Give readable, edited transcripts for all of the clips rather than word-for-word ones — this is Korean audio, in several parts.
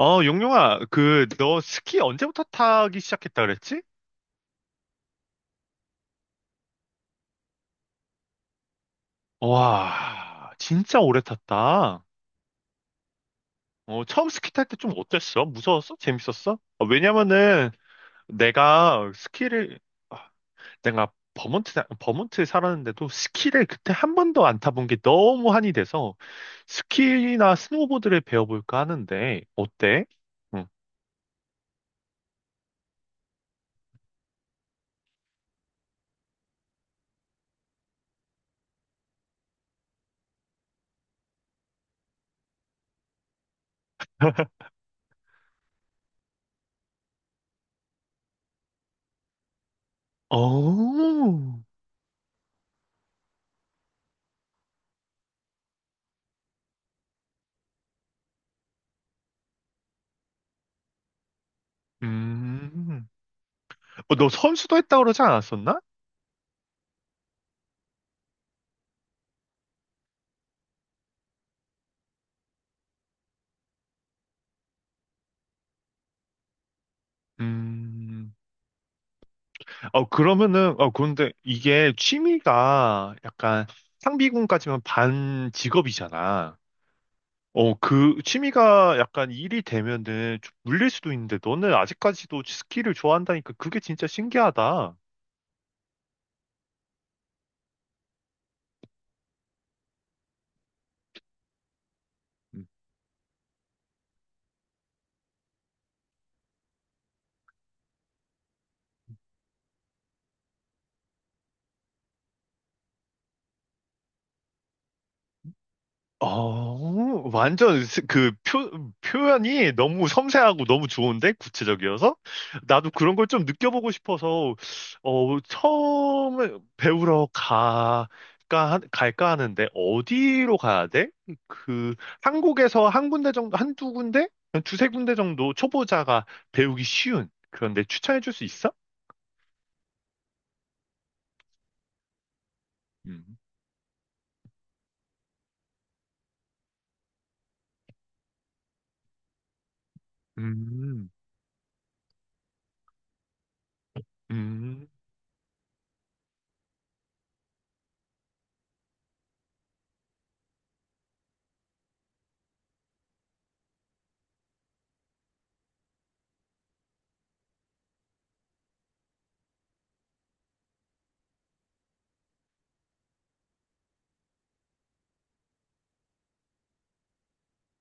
어, 용용아, 그, 너 스키 언제부터 타기 시작했다 그랬지? 와, 진짜 오래 탔다. 어, 처음 스키 탈 때 좀 어땠어? 무서웠어? 재밌었어? 어, 왜냐면은 내가 스키를, 아, 내가 버몬트, 버몬트에 살았는데도 스키를 그때 한 번도 안 타본 게 너무 한이 돼서 스키나 스노보드를 배워볼까 하는데, 어때? 응. 어, 음, 어, 너 선수도 했다 그러지 않았었나? 음. 어, 그러면은, 어, 그런데 이게 취미가 약간 상비군까지만 반 직업이잖아. 어, 그 취미가 약간 일이 되면은 좀 물릴 수도 있는데 너는 아직까지도 스키를 좋아한다니까 그게 진짜 신기하다. 어, 완전 그 표현이 너무 섬세하고 너무 좋은데 구체적이어서 나도 그런 걸 좀 느껴보고 싶어서 어, 처음 배우러 가, 가, 갈까 하는데 어디로 가야 돼? 그 한국에서 한 군데 정도, 한두 군데? 한 두세 군데 정도 초보자가 배우기 쉬운 그런데 추천해 줄 수 있어? 음, 음, 음,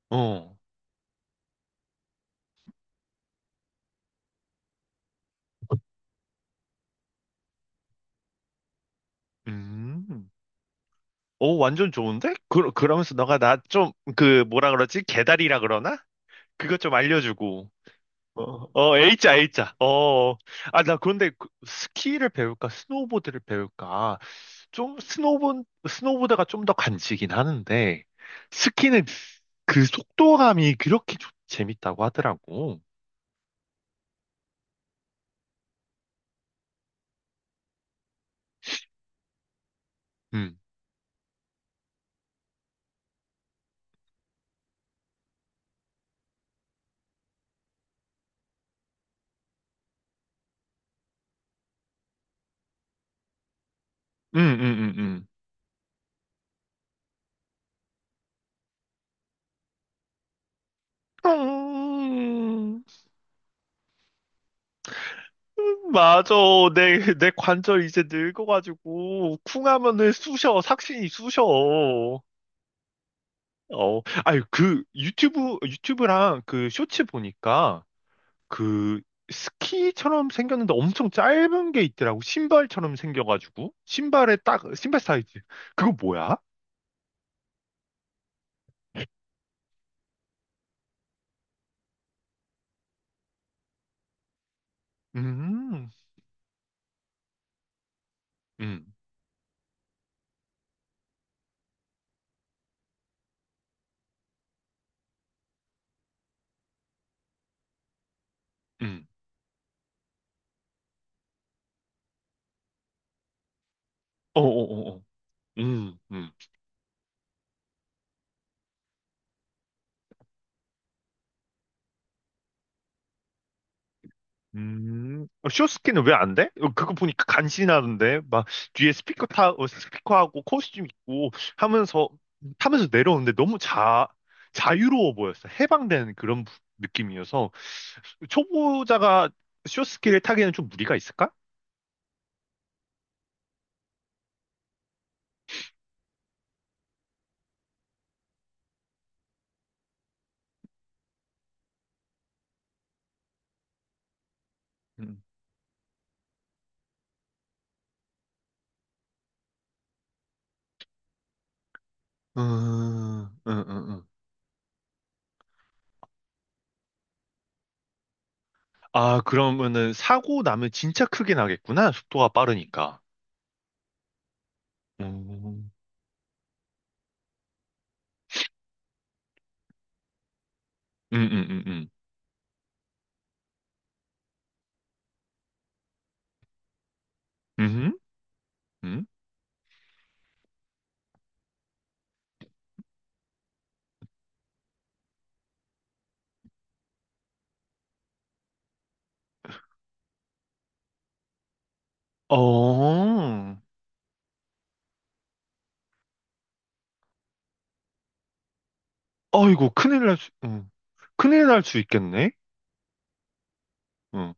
어, 음. 오, 완전 좋은데? 그, 그러면서 너가 나 좀, 그, 뭐라 그러지? 개다리라 그러나? 그것 좀 알려주고. 어, 어, A자, A자. 어, 어. 아, 나 그런데 그 스키를 배울까? 스노우보드를 배울까? 좀, 스노우보드가 좀 더 간지긴 하는데, 스키는 그 속도감이 그렇게 재밌다고 하더라고. 음, 음, 음, 음, 음. 맞아. 내 관절 이제 늙어가지고, 쿵하면은 쑤셔. 삭신이 쑤셔. 어, 아유, 그, 유튜브랑 그 쇼츠 보니까, 그, 스키처럼 생겼는데 엄청 짧은 게 있더라고. 신발처럼 생겨가지고. 신발에 딱, 신발 사이즈. 그거 뭐야? 음, 음, 음. 어어어어. 음, 음. 어, 쇼스케는 왜 안 돼? 어, 그거 보니까 간신하던데. 막 뒤에 스피커 스피커하고 코스튬 입고 하면서, 타면서 내려오는데 너무 자유로워 보였어. 해방된 그런 느낌이어서. 초보자가 쇼스케를 타기에는 좀 무리가 있을까? 음, 음, 음. 아, 그러면은 사고 나면 진짜 크게 나겠구나. 속도가 빠르니까. 음, 음, 음, 음, 음. 음, 음. 어. 어이구, 큰일 날 수, 응. 큰일 날 수 있겠네? 응.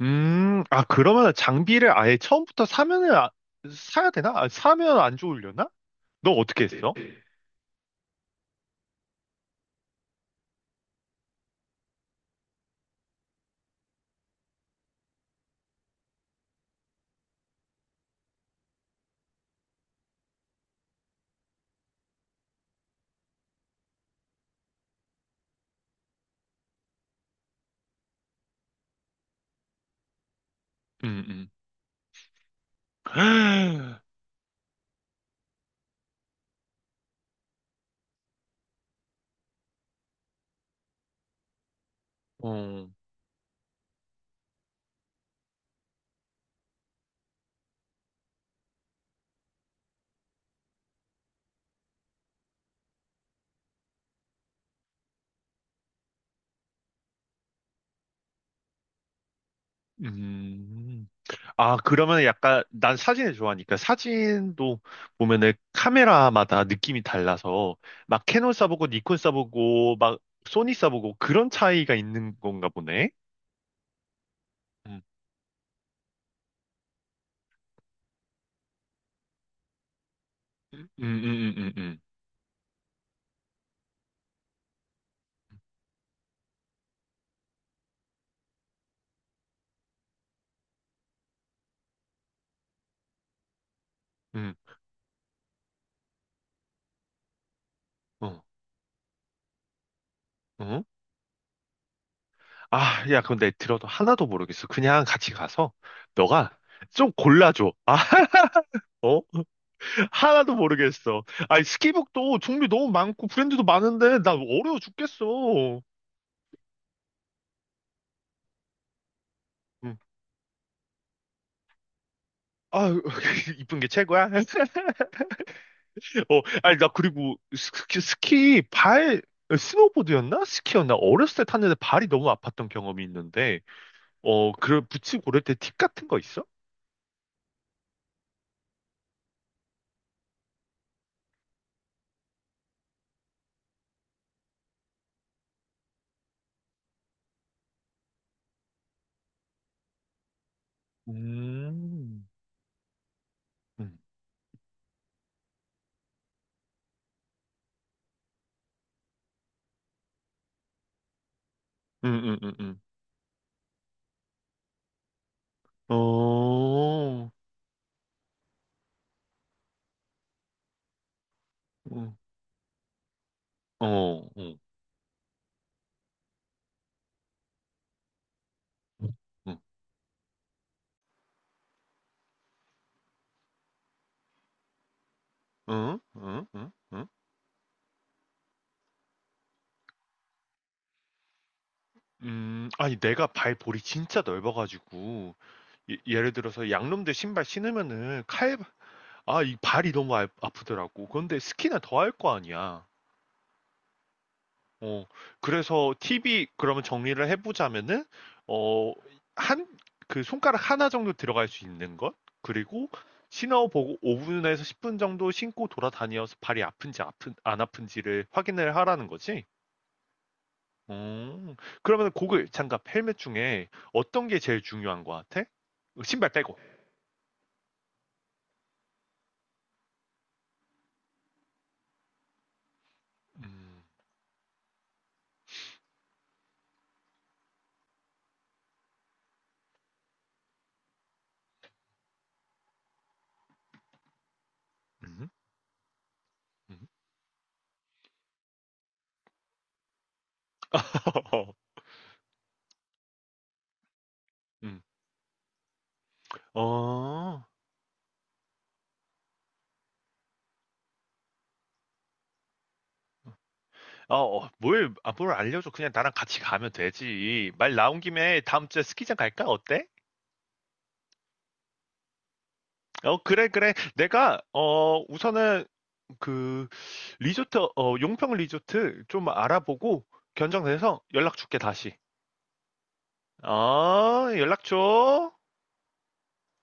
아, 그러면 장비를 아예 처음부터 사면은, 사야 되나? 아, 사면 안 좋으려나? 너 어떻게 했어? 음, 음. 어, 음. 아, 그러면 약간, 난 사진을 좋아하니까 사진도 보면은 카메라마다 느낌이 달라서 막 캐논 써보고 니콘 써보고 막 소니 써보고 그런 차이가 있는 건가 보네? 음, 음, 음, 음, 음, 음, 음, 어, 어? 아, 야, 근데 들어도 하나도 모르겠어. 그냥 같이 가서 너가 좀 골라줘. 아, 어? 하나도 모르겠어. 아니, 스키북도 종류 너무 많고 브랜드도 많은데 나 어려워 죽겠어. 음. 아, 이쁜 게 최고야. 어, 아니, 나 그리고 스키 발, 어, 스노보드였나? 스키였나? 어렸을 때 탔는데 발이 너무 아팠던 경험이 있는데, 어, 그 부츠 고를 때 팁 같은 거 있어? 음, 음, 음. 어, 응. 어, 어, 어, 응, 응, 응, 응. 아니, 내가 발볼이 진짜 넓어가지고, 예, 예를 들어서 양놈들 신발 신으면은 칼, 아, 이 발이 너무 아프더라고. 그런데 스키는 더할 거 아니야. 어, 그래서 팁이, 그러면 정리를 해보자면은, 어, 한, 그 손가락 하나 정도 들어갈 수 있는 것? 그리고 신어보고 5분에서 10분 정도 신고 돌아다녀서 발이 아픈지 안 아픈지를 확인을 하라는 거지? 음. 그러면 고글, 장갑, 헬멧 중에 어떤 게 제일 중요한 것 같아? 어, 신발 빼고. 음. 음. 음. 음. 어. 어, 어, 뭘, 아, 뭘 알려줘. 그냥 나랑 같이 가면 되지. 말 나온 김에 다음 주에 스키장 갈까? 어때? 어, 그래, 그래. 내가, 어, 우선은 그, 리조트, 어, 용평 리조트 좀 알아보고 견적내서 연락 줄게, 다시. 어, 연락 줘.